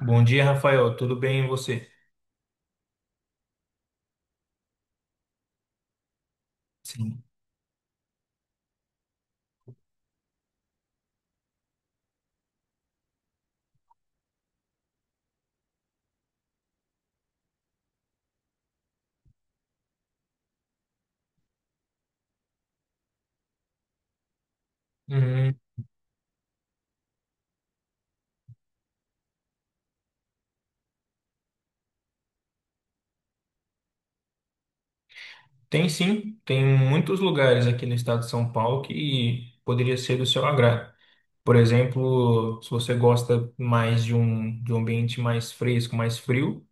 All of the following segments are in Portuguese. Bom dia, Rafael. Tudo bem e você? Sim. Uhum. Tem sim, tem muitos lugares aqui no estado de São Paulo que poderia ser do seu agrado. Por exemplo, se você gosta mais de um ambiente mais fresco, mais frio,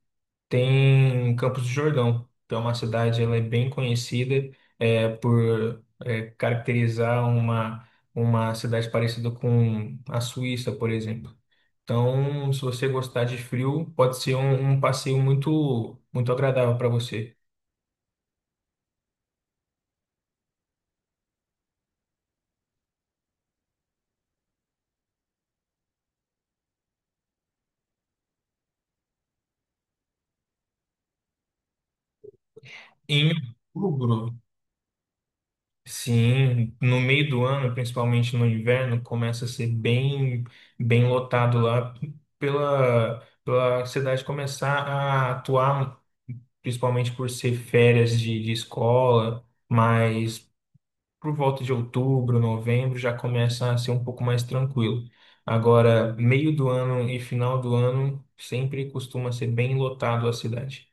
tem Campos do Jordão, que é uma cidade, ela é bem conhecida caracterizar uma cidade parecida com a Suíça, por exemplo. Então, se você gostar de frio, pode ser um passeio muito, muito agradável para você. Em outubro, sim, no meio do ano, principalmente no inverno, começa a ser bem lotado lá pela cidade começar a atuar, principalmente por ser férias de escola, mas por volta de outubro, novembro, já começa a ser um pouco mais tranquilo. Agora, meio do ano e final do ano sempre costuma ser bem lotado a cidade.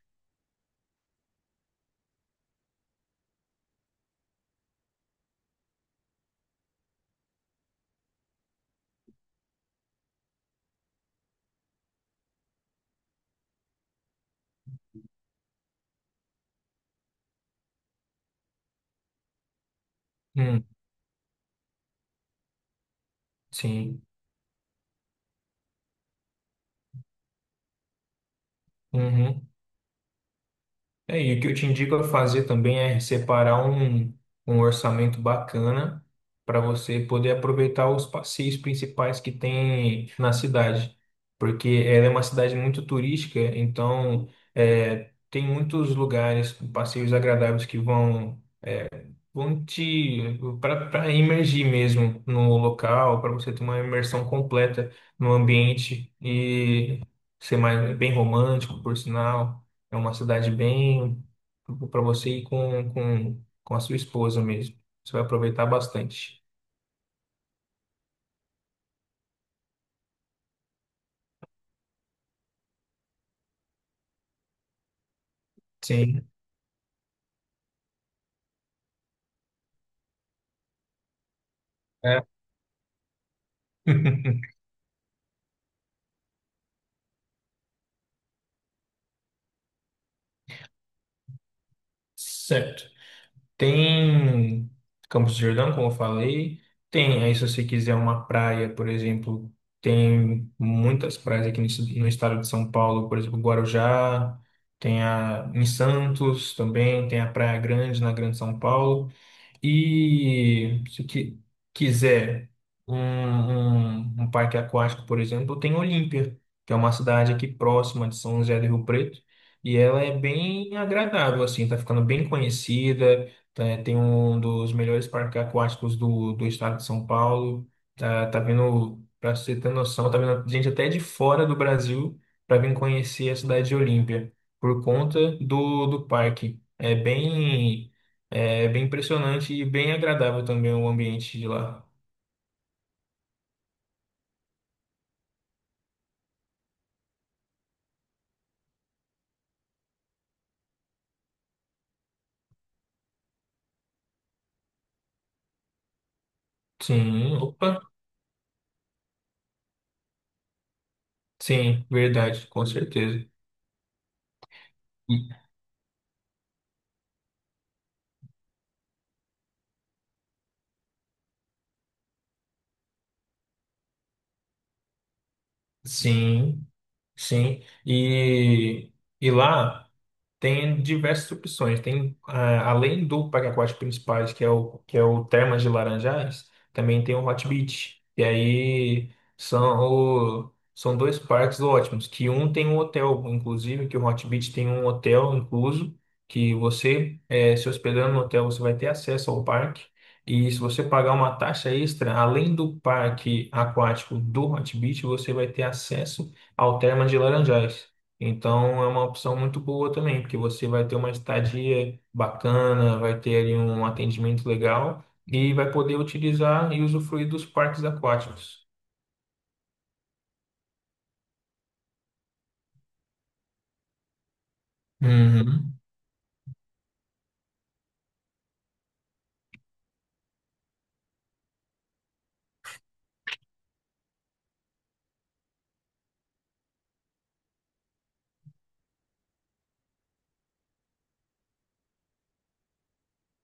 Hum, sim. Uhum. É, e o que eu te indico a fazer também é separar um orçamento bacana para você poder aproveitar os passeios principais que tem na cidade, porque ela é uma cidade muito turística, então tem muitos lugares, passeios agradáveis que vão Vão te para imergir mesmo no local, para você ter uma imersão completa no ambiente e ser mais bem romântico, por sinal. É uma cidade bem para você ir com a sua esposa mesmo. Você vai aproveitar bastante. Sim. É. Certo. Tem Campos do Jordão, como eu falei. Tem, aí se você quiser uma praia, por exemplo, tem muitas praias aqui no estado de São Paulo, por exemplo, Guarujá, tem a em Santos também, tem a Praia Grande na Grande São Paulo. E se qui- quiser um parque aquático, por exemplo, tem Olímpia, que é uma cidade aqui próxima de São José do Rio Preto, e ela é bem agradável, assim, tá ficando bem conhecida, tem um dos melhores parques aquáticos do estado de São Paulo, tá vindo, para você ter noção, tá vindo gente até de fora do Brasil para vir conhecer a cidade de Olímpia, por conta do parque. É bem impressionante e bem agradável também o ambiente de lá. Sim, opa, sim, verdade, com certeza. E- Sim, sim. E lá. Tem diversas opções. Tem, ah, além do parque aquático principais, que é o Termas de Laranjais, também tem o Hot Beach. E aí são, são dois parques ótimos, que um tem um hotel, inclusive, que o Hot Beach tem um hotel incluso, que você, se hospedando no hotel, você vai ter acesso ao parque. E se você pagar uma taxa extra, além do parque aquático do Hot Beach, você vai ter acesso ao Termas de Laranjais. Então é uma opção muito boa também, porque você vai ter uma estadia bacana, vai ter ali um atendimento legal e vai poder utilizar e usufruir dos parques aquáticos. Uhum.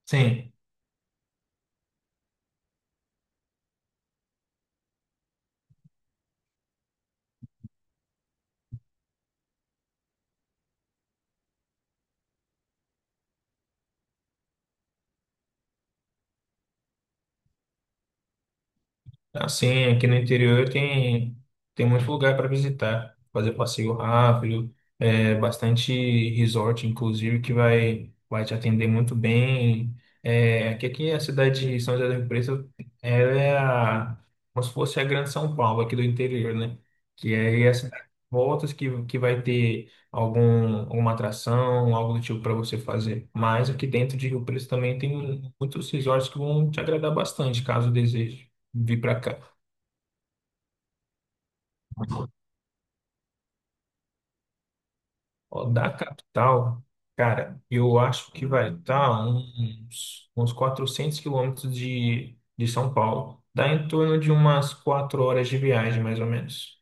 Sim. Assim, aqui no interior tem muito lugar para visitar, fazer passeio rápido, bastante resort, inclusive, que vai te atender muito bem. Aqui a cidade de São José do Rio Preto, ela é a, como se fosse a Grande São Paulo aqui do interior, né? Que é as voltas que vai ter alguma atração, algo do tipo para você fazer. Mas aqui dentro de Rio Preto também tem muitos resorts que vão te agradar bastante, caso deseje vir para cá. Ó, da capital, cara, eu acho que vai estar uns 400 quilômetros de São Paulo. Dá em torno de umas quatro horas de viagem, mais ou menos.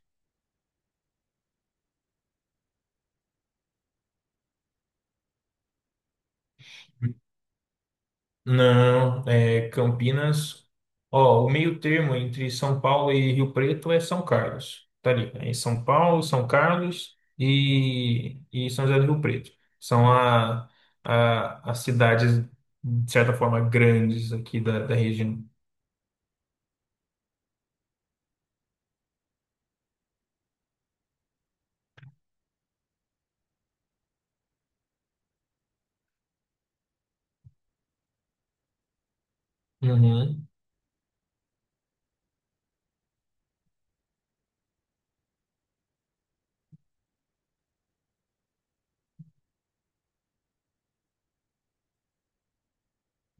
Não, é Campinas. Ó, o meio termo entre São Paulo e Rio Preto é São Carlos. Tá ali. É São Paulo, São Carlos e São José do Rio Preto. São a, as cidades, de certa forma, grandes aqui da região. Uhum.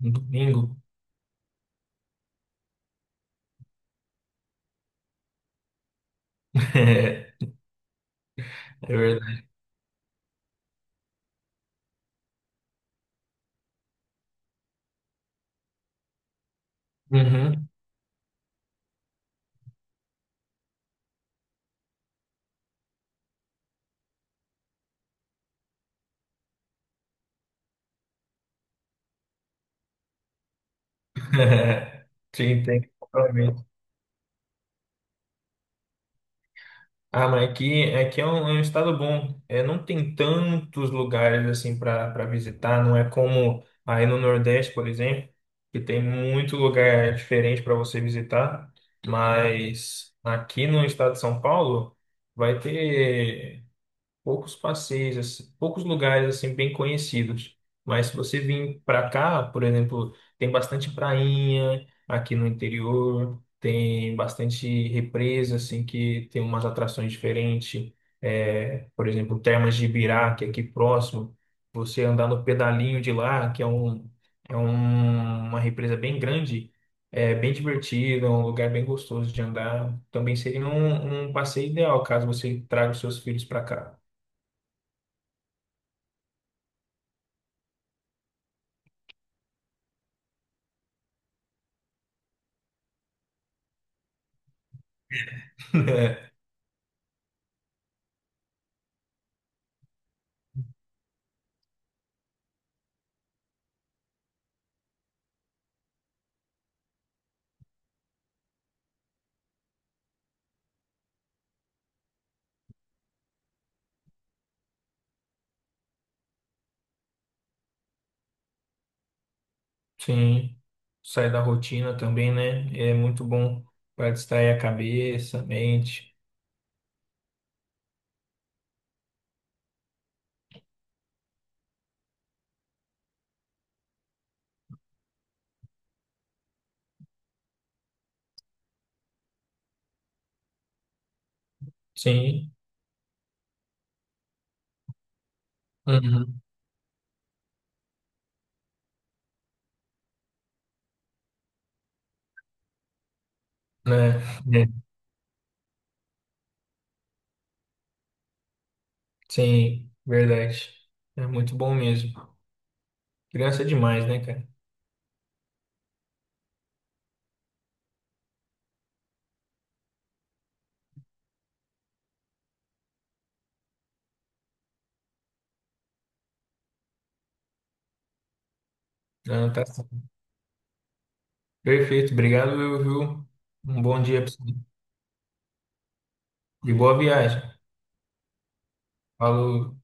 Um domingo. É, é verdade. Uhum. Te entendo. Ah, mas aqui é é um estado bom. É, não tem tantos lugares assim para para visitar. Não é como aí no Nordeste, por exemplo, que tem muito lugar diferente para você visitar. Mas aqui no estado de São Paulo vai ter poucos passeios, assim, poucos lugares assim bem conhecidos. Mas se você vir para cá, por exemplo, tem bastante prainha aqui no interior, tem bastante represa assim que tem umas atrações diferentes. É, por exemplo, Termas de Ibirá, que é aqui próximo, você andar no pedalinho de lá, que é um é uma represa bem grande. É bem divertido, é um lugar bem gostoso de andar. Também seria um passeio ideal caso você traga os seus filhos para cá. É, sim, sai da rotina também, né? É muito bom para distrair a cabeça, a mente. Sim, uhum. Né? É. Sim, verdade. É muito bom mesmo. Criança é demais, né, cara? Ah, tá certo. Perfeito, obrigado, viu? Viu? Um bom dia para você e boa viagem. Falou.